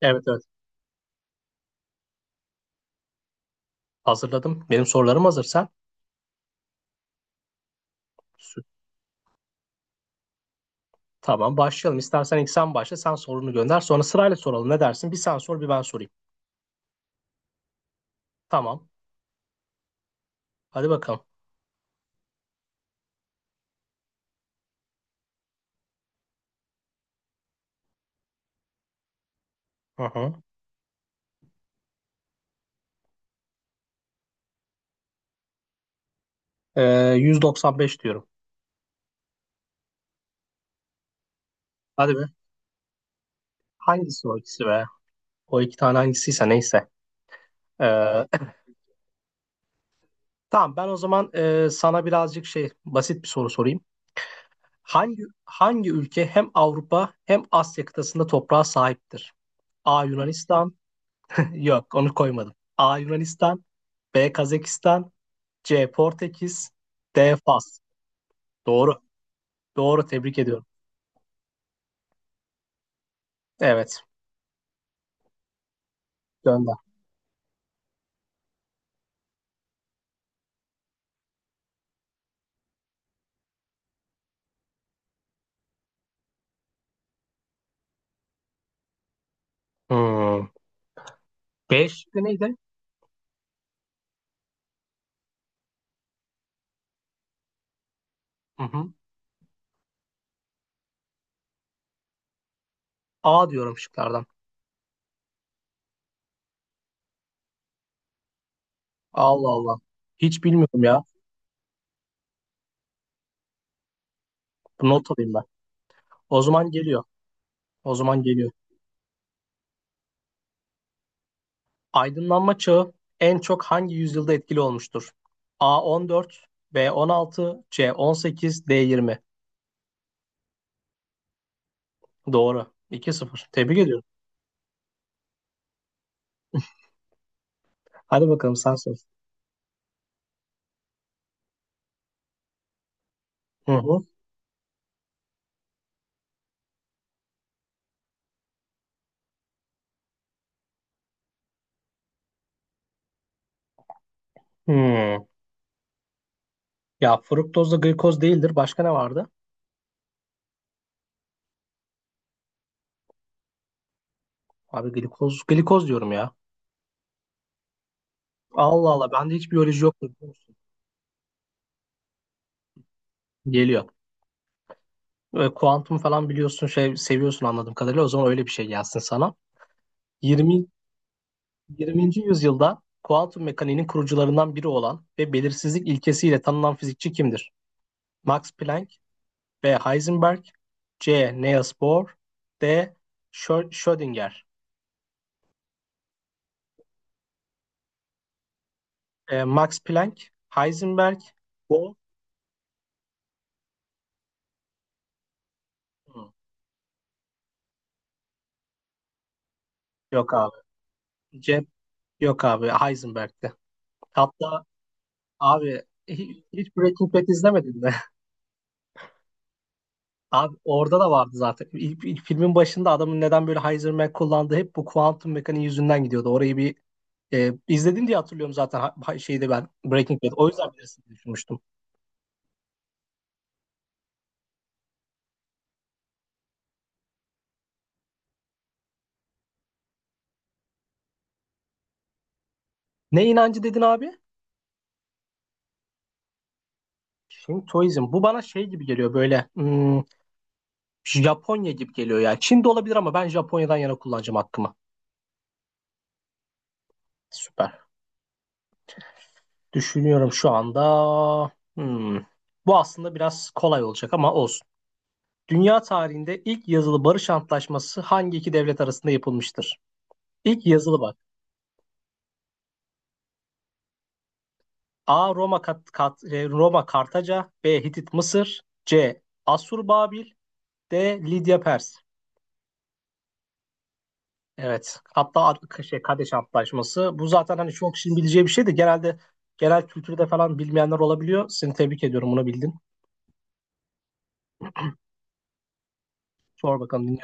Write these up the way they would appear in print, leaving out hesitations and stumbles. Evet evet hazırladım. Benim sorularım hazır sen. sü- Tamam başlayalım. İstersen ilk sen başla sen sorunu gönder. Sonra sırayla soralım ne dersin? Bir sen sor bir ben sorayım. Tamam hadi bakalım. Hı hı. Ee, 195 diyorum. Hadi be. Hangisi o ikisi be? O iki tane hangisiyse neyse. Ee, e, tamam ben o zaman sana birazcık şey basit bir soru sorayım. Hangi ülke hem Avrupa hem Asya kıtasında toprağa sahiptir? A. Yunanistan. Yok onu koymadım. A. Yunanistan. B. Kazakistan. C. Portekiz. D. Fas. Doğru. Doğru. Tebrik ediyorum. Evet. Gönder. Hmm. B şıkkı neydi? Hı hı. A diyorum şıklardan. Allah Allah. Hiç bilmiyorum ya. Bu not alayım ben. O zaman geliyor. O zaman geliyor. Aydınlanma çağı en çok hangi yüzyılda etkili olmuştur? A 14, B 16, C 18, D 20. Doğru. 2 sıfır. Tebrik ediyorum. Hadi bakalım sen sor. Hı hı. Hmm. Ya fruktozla glikoz değildir. Başka ne vardı? Abi glikoz, glikoz diyorum ya. Allah Allah bende hiç biyoloji yoktu biliyor musun? Geliyor. Ve kuantum falan biliyorsun şey seviyorsun anladığım kadarıyla. O zaman öyle bir şey gelsin sana. 20, 20. yüzyılda kuantum mekaniğinin kurucularından biri olan ve belirsizlik ilkesiyle tanınan fizikçi kimdir? Max Planck, B. Heisenberg, C. Niels Bohr, D. Schrödinger. Max Planck, Heisenberg, Bohr. Hı. Yok abi. C. Yok abi Heisenberg'ti. Hatta, abi hiç Breaking Bad izlemedin mi? Abi orada da vardı zaten. İlk filmin başında adamın neden böyle Heisenberg kullandığı hep bu kuantum mekaniği yüzünden gidiyordu. Orayı bir izledin diye hatırlıyorum zaten şeyde ben Breaking Bad. O yüzden bilirsin diye düşünmüştüm. Ne inancı dedin abi? Şintoizm. Bu bana şey gibi geliyor böyle Japonya gibi geliyor ya. Çin'de olabilir ama ben Japonya'dan yana kullanacağım hakkımı. Süper. Düşünüyorum şu anda. Hmm. Bu aslında biraz kolay olacak ama olsun. Dünya tarihinde ilk yazılı barış antlaşması hangi iki devlet arasında yapılmıştır? İlk yazılı bak. A. Roma Kat, Kat- e, Roma Kartaca, B. Hitit Mısır, C. Asur Babil, D. Lidya Pers. Evet. Hatta şey Kadeş Antlaşması. Bu zaten hani çok kişinin bileceği bir şey de genelde genel kültürde falan bilmeyenler olabiliyor. Seni tebrik ediyorum bunu bildin. Sor bakalım.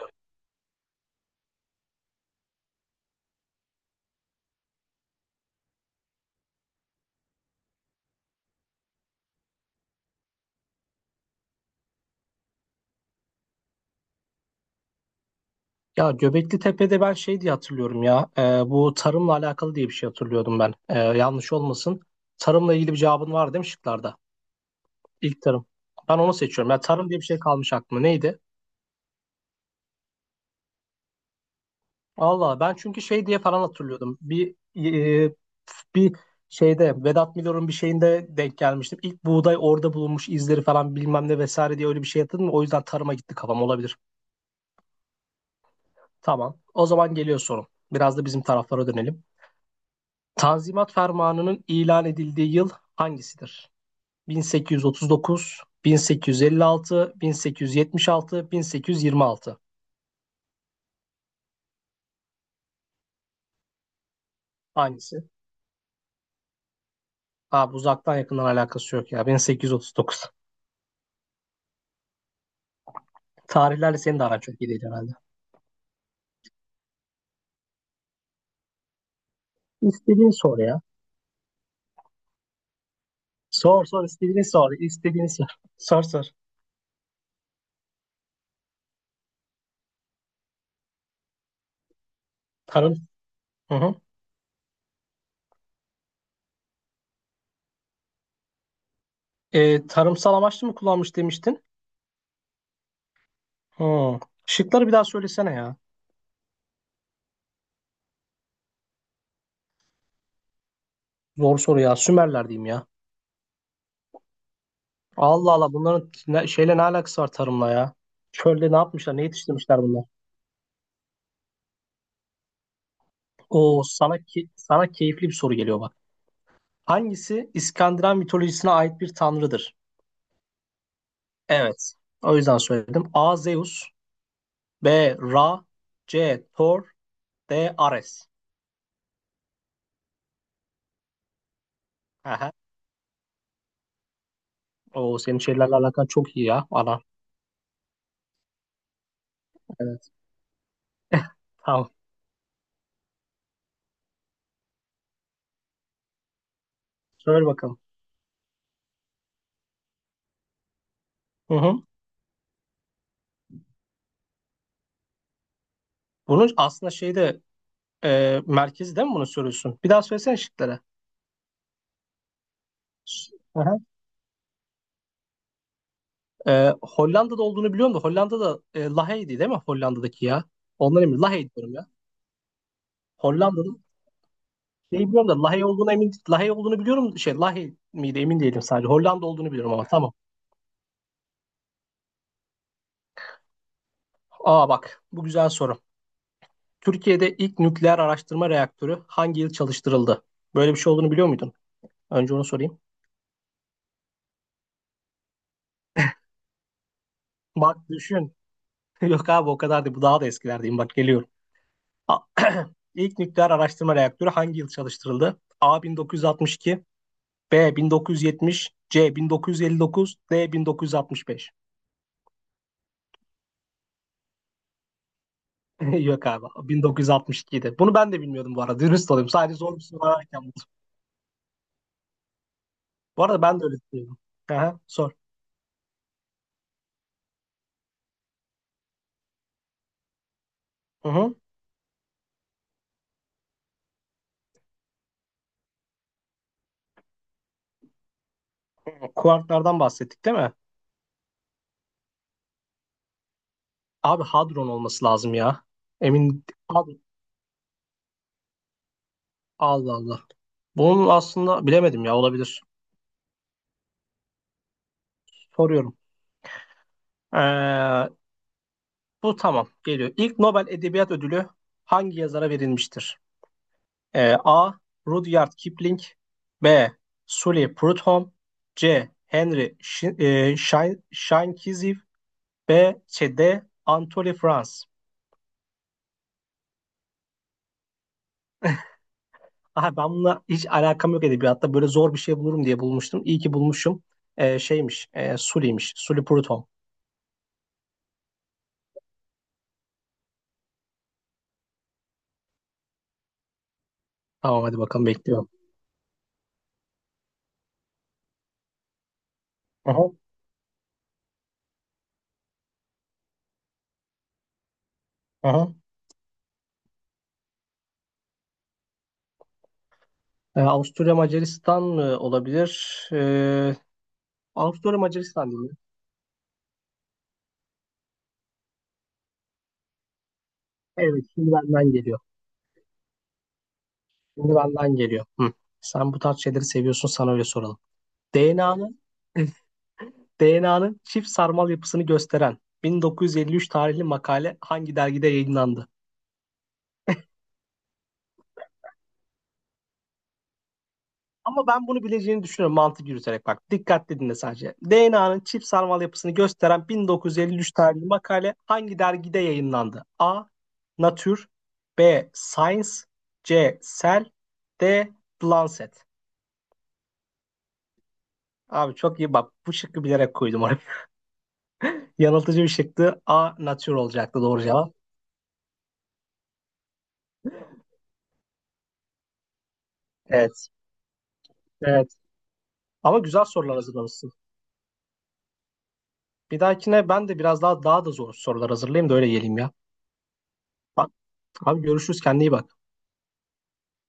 Ya Göbekli Tepe'de ben şey diye hatırlıyorum ya. Bu tarımla alakalı diye bir şey hatırlıyordum ben. Yanlış olmasın. Tarımla ilgili bir cevabın var değil mi şıklarda? İlk tarım. Ben onu seçiyorum. Ya tarım diye bir şey kalmış aklıma. Neydi? Allah ben çünkü şey diye falan hatırlıyordum. E, bir şeyde Vedat Milor'un bir şeyinde denk gelmiştim. İlk buğday orada bulunmuş izleri falan bilmem ne vesaire diye öyle bir şey hatırladım. O yüzden tarıma gitti kafam olabilir. Tamam. O zaman geliyor sorum. Biraz da bizim taraflara dönelim. Tanzimat Fermanı'nın ilan edildiği yıl hangisidir? 1839, 1856, 1876, 1826. Hangisi? Abi uzaktan yakından alakası yok ya. 1839. Tarihlerle senin de aran çok iyi değil herhalde. İstediğini sor ya. Sor sor istediğini sor. İstediğini sor. Sor sor. Tarım. Hı hı. Tarımsal amaçlı mı kullanmış demiştin? Hı. Şıkları bir daha söylesene ya. Zor soru ya. Sümerler diyeyim ya. Allah Allah bunların ne, şeyle ne alakası var tarımla ya? Çölde ne yapmışlar, ne yetiştirmişler bunlar? Oo sana keyifli bir soru geliyor bak. Hangisi İskandinav mitolojisine ait bir tanrıdır? Evet. O yüzden söyledim. A. Zeus, B. Ra, C. Thor, D. Ares. Aha. Oo senin şeylerle alakan çok iyi ya. Ana. Evet. Tamam. Söyle bakalım. Hı hı. Bunun aslında şeyde merkezi değil mi bunu soruyorsun? Bir daha söylesene şıkları. Hollanda'da olduğunu biliyorum da Hollanda'da Lahey'di değil mi Hollanda'daki ya? Ondan emin. Lahey diyorum ya. Hollanda'da şey biliyorum da Lahey olduğunu emin Lahey olduğunu biliyorum. Şey Lahey miydi emin değilim sadece. Hollanda olduğunu biliyorum ama tamam. Aa bak bu güzel soru. Türkiye'de ilk nükleer araştırma reaktörü hangi yıl çalıştırıldı? Böyle bir şey olduğunu biliyor muydun? Önce onu sorayım. Bak düşün. Yok abi o kadar değil. Bu daha da eskilerdeyim. Bak geliyorum. A- İlk nükleer araştırma reaktörü hangi yıl çalıştırıldı? A 1962, B 1970, C 1959, D 1965. Yok abi 1962'de. Bunu ben de bilmiyordum bu arada. Dürüst olayım. Sadece zor bir soru ararken buldum. Bu arada ben de öyle düşünüyorum. Aha, sor. Hı hı. Kuarklardan bahsettik değil mi? Abi hadron olması lazım ya. Emin Had- Allah Allah. Bunun aslında bilemedim ya olabilir. Soruyorum. Ee, Bu tamam geliyor. İlk Nobel Edebiyat Ödülü hangi yazara verilmiştir? A. Rudyard Kipling, B. Sully Prudhomme, C. Henry Shinkeziv, D. Anatole France. Aha, ben bununla hiç alakam yok edebiyatta. Böyle zor bir şey bulurum diye bulmuştum. İyi ki bulmuşum. Şeymiş. Sully'miş. Sully Prudhomme. Tamam hadi bakalım bekliyorum. Aha, aha. Avusturya Macaristan mı olabilir? Avusturya Macaristan değil mi? Evet şimdi benden geliyor. Şimdi benden geliyor. Hı. Sen bu tarz şeyleri seviyorsun sana öyle soralım. DNA'nın DNA'nın çift sarmal yapısını gösteren 1953 tarihli makale hangi dergide yayınlandı? Ama ben bunu bileceğini düşünüyorum mantık yürüterek bak. Dikkatli dinle sadece. DNA'nın çift sarmal yapısını gösteren 1953 tarihli makale hangi dergide yayınlandı? A. Nature, B. Science, C. Cell, D. The Lancet. Abi çok iyi bak. Bu şıkkı bilerek koydum oraya. Yanıltıcı bir şıktı. A. Nature olacaktı doğru cevap. Evet. Evet. Ama güzel sorular hazırlamışsın. Bir dahakine ben de biraz daha daha da zor sorular hazırlayayım da öyle geleyim ya. Bak, abi görüşürüz kendine iyi bak.